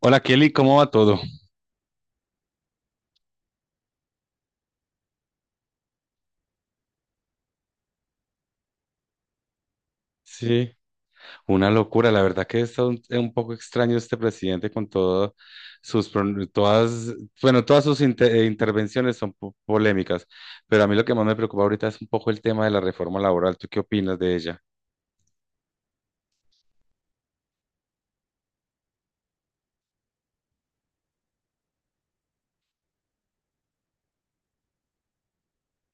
Hola Kelly, ¿cómo va todo? Sí. Una locura, la verdad que está un poco extraño este presidente con todas sus, todas, bueno, todas sus intervenciones son polémicas, pero a mí lo que más me preocupa ahorita es un poco el tema de la reforma laboral. ¿Tú qué opinas de ella?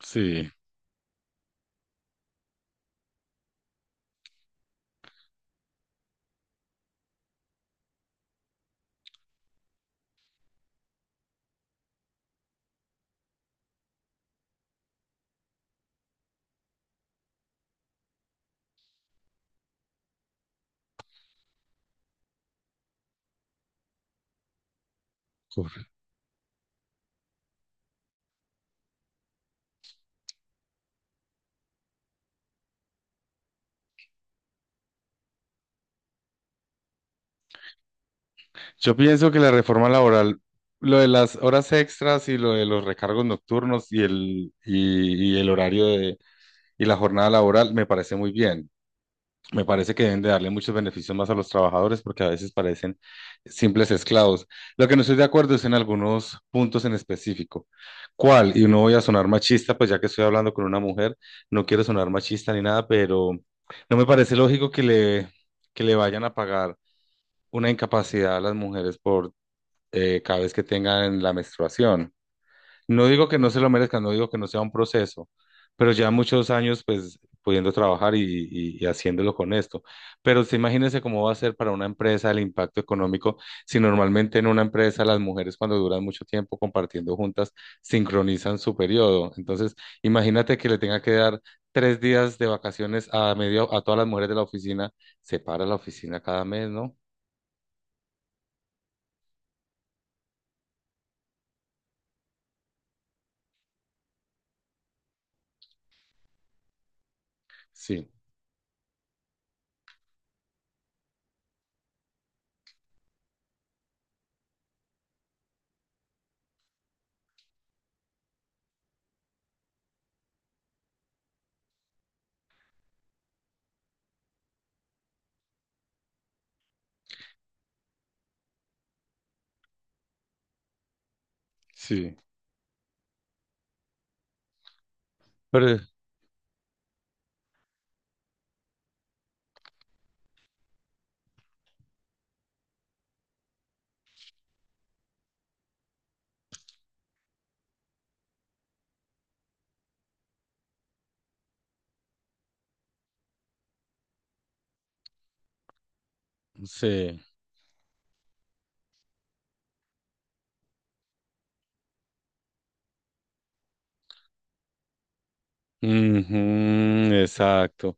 Sí. corre- Yo pienso que la reforma laboral, lo de las horas extras y lo de los recargos nocturnos y el horario de, y la jornada laboral me parece muy bien. Me parece que deben de darle muchos beneficios más a los trabajadores porque a veces parecen simples esclavos. Lo que no estoy de acuerdo es en algunos puntos en específico. ¿Cuál? Y no voy a sonar machista, pues ya que estoy hablando con una mujer, no quiero sonar machista ni nada, pero no me parece lógico que le vayan a pagar una incapacidad a las mujeres por cada vez que tengan la menstruación. No digo que no se lo merezcan, no digo que no sea un proceso, pero ya muchos años pues pudiendo trabajar y haciéndolo con esto. Pero usted imagínese cómo va a ser para una empresa el impacto económico si normalmente en una empresa las mujeres cuando duran mucho tiempo compartiendo juntas sincronizan su periodo. Entonces, imagínate que le tenga que dar 3 días de vacaciones a medio a todas las mujeres de la oficina, se para la oficina cada mes, ¿no? Sí, sí. Pero sí. Ujú, exacto.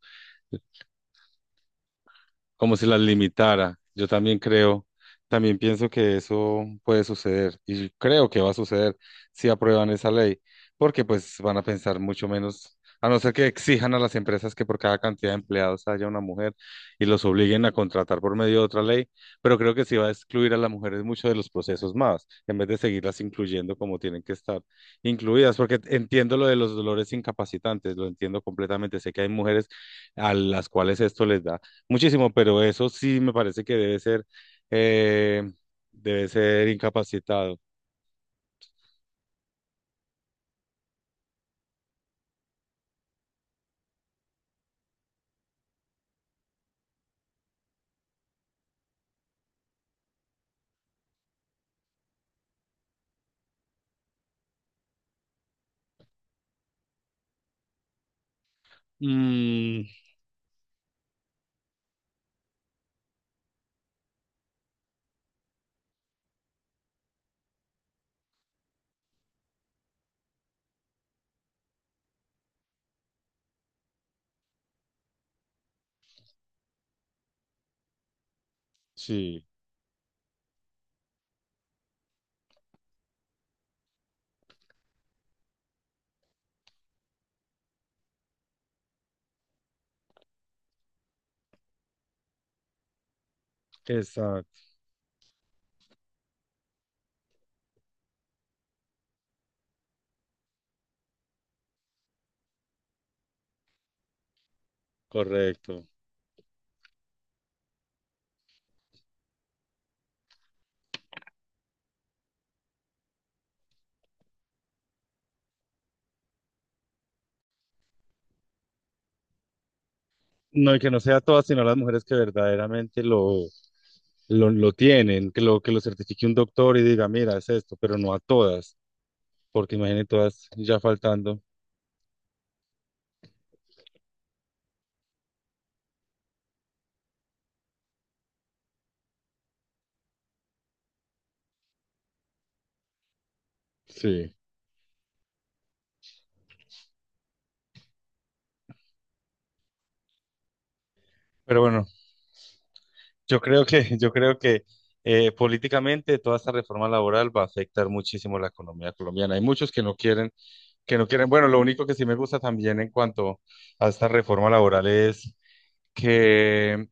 Como si las limitara. Yo también creo, también pienso que eso puede suceder y creo que va a suceder si aprueban esa ley, porque pues van a pensar mucho menos, a no ser que exijan a las empresas que por cada cantidad de empleados haya una mujer y los obliguen a contratar por medio de otra ley, pero creo que sí va a excluir a las mujeres mucho de los procesos más, en vez de seguirlas incluyendo como tienen que estar incluidas, porque entiendo lo de los dolores incapacitantes, lo entiendo completamente, sé que hay mujeres a las cuales esto les da muchísimo, pero eso sí me parece que eh, debe ser incapacitado. Mm, sí, exacto, correcto. No, y que no sea todas, sino las mujeres que verdaderamente lo tienen, que lo certifique un doctor y diga, mira, es esto, pero no a todas, porque imaginen todas ya faltando. Sí, pero bueno, yo creo que políticamente toda esta reforma laboral va a afectar muchísimo la economía colombiana. Hay muchos que no quieren. Bueno, lo único que sí me gusta también en cuanto a esta reforma laboral es que,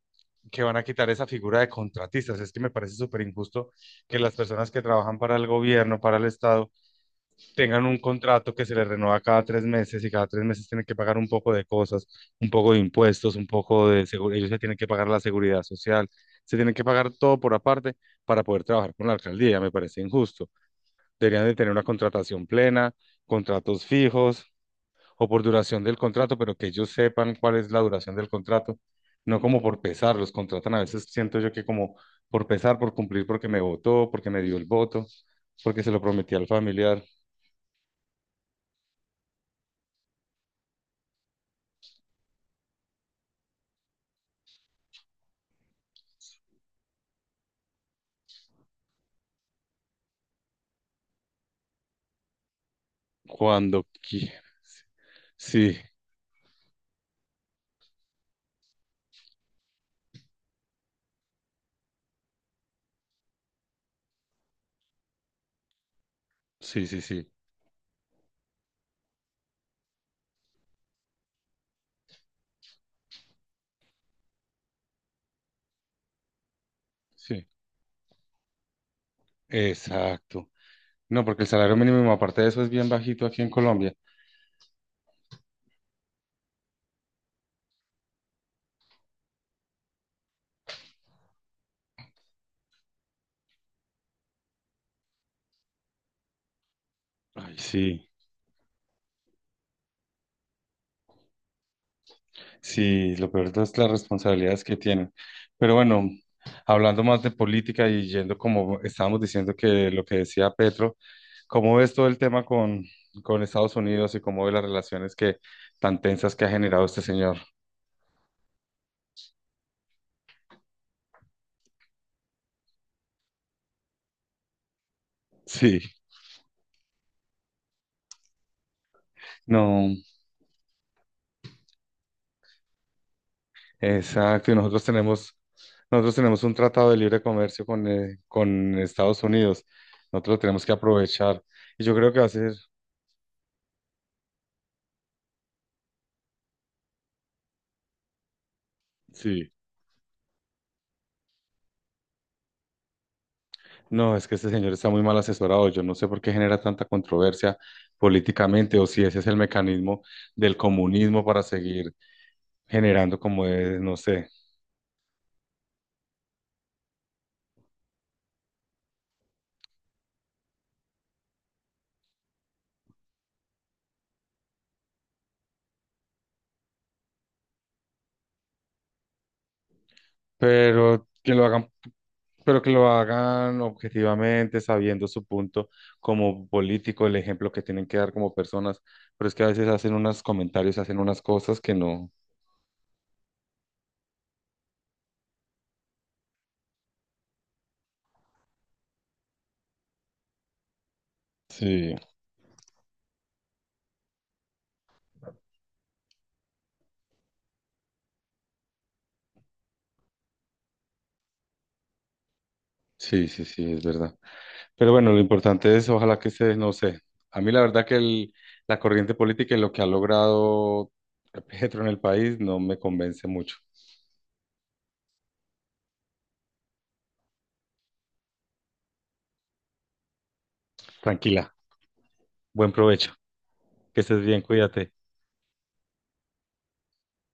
que van a quitar esa figura de contratistas. Es que me parece súper injusto que las personas que trabajan para el gobierno, para el Estado, tengan un contrato que se les renueva cada 3 meses y cada 3 meses tienen que pagar un poco de cosas, un poco de impuestos, un poco de seguridad. Ellos se tienen que pagar la seguridad social, se tienen que pagar todo por aparte para poder trabajar con la alcaldía. Me parece injusto. Deberían de tener una contratación plena, contratos fijos o por duración del contrato, pero que ellos sepan cuál es la duración del contrato, no como por pesar, los contratan a veces, siento yo que como por pesar, por cumplir, porque me votó, porque me dio el voto, porque se lo prometí al familiar, cuando quieras. Sí, sí, sí, sí, sí, exacto. No, porque el salario mínimo, aparte de eso, es bien bajito aquí en Colombia. Ay, sí. Sí, lo peor es las responsabilidades que tienen. Pero bueno, hablando más de política y yendo como estábamos diciendo que lo que decía Petro, ¿cómo ves todo el tema con Estados Unidos y cómo ves las relaciones que tan tensas que ha generado este señor? Sí, no, exacto. Y nosotros tenemos, un tratado de libre comercio con Estados Unidos. Nosotros lo tenemos que aprovechar. Y yo creo que va a ser, sí. No, es que este señor está muy mal asesorado. Yo no sé por qué genera tanta controversia políticamente o si ese es el mecanismo del comunismo para seguir generando como es, no sé. Pero que lo hagan, pero que lo hagan objetivamente, sabiendo su punto como político, el ejemplo que tienen que dar como personas. Pero es que a veces hacen unos comentarios, hacen unas cosas que no. Sí, sí, sí, sí, es verdad. Pero bueno, lo importante es, ojalá que se, no sé, a mí la verdad que la corriente política y lo que ha logrado Petro en el país no me convence mucho. Tranquila, buen provecho, que estés bien, cuídate.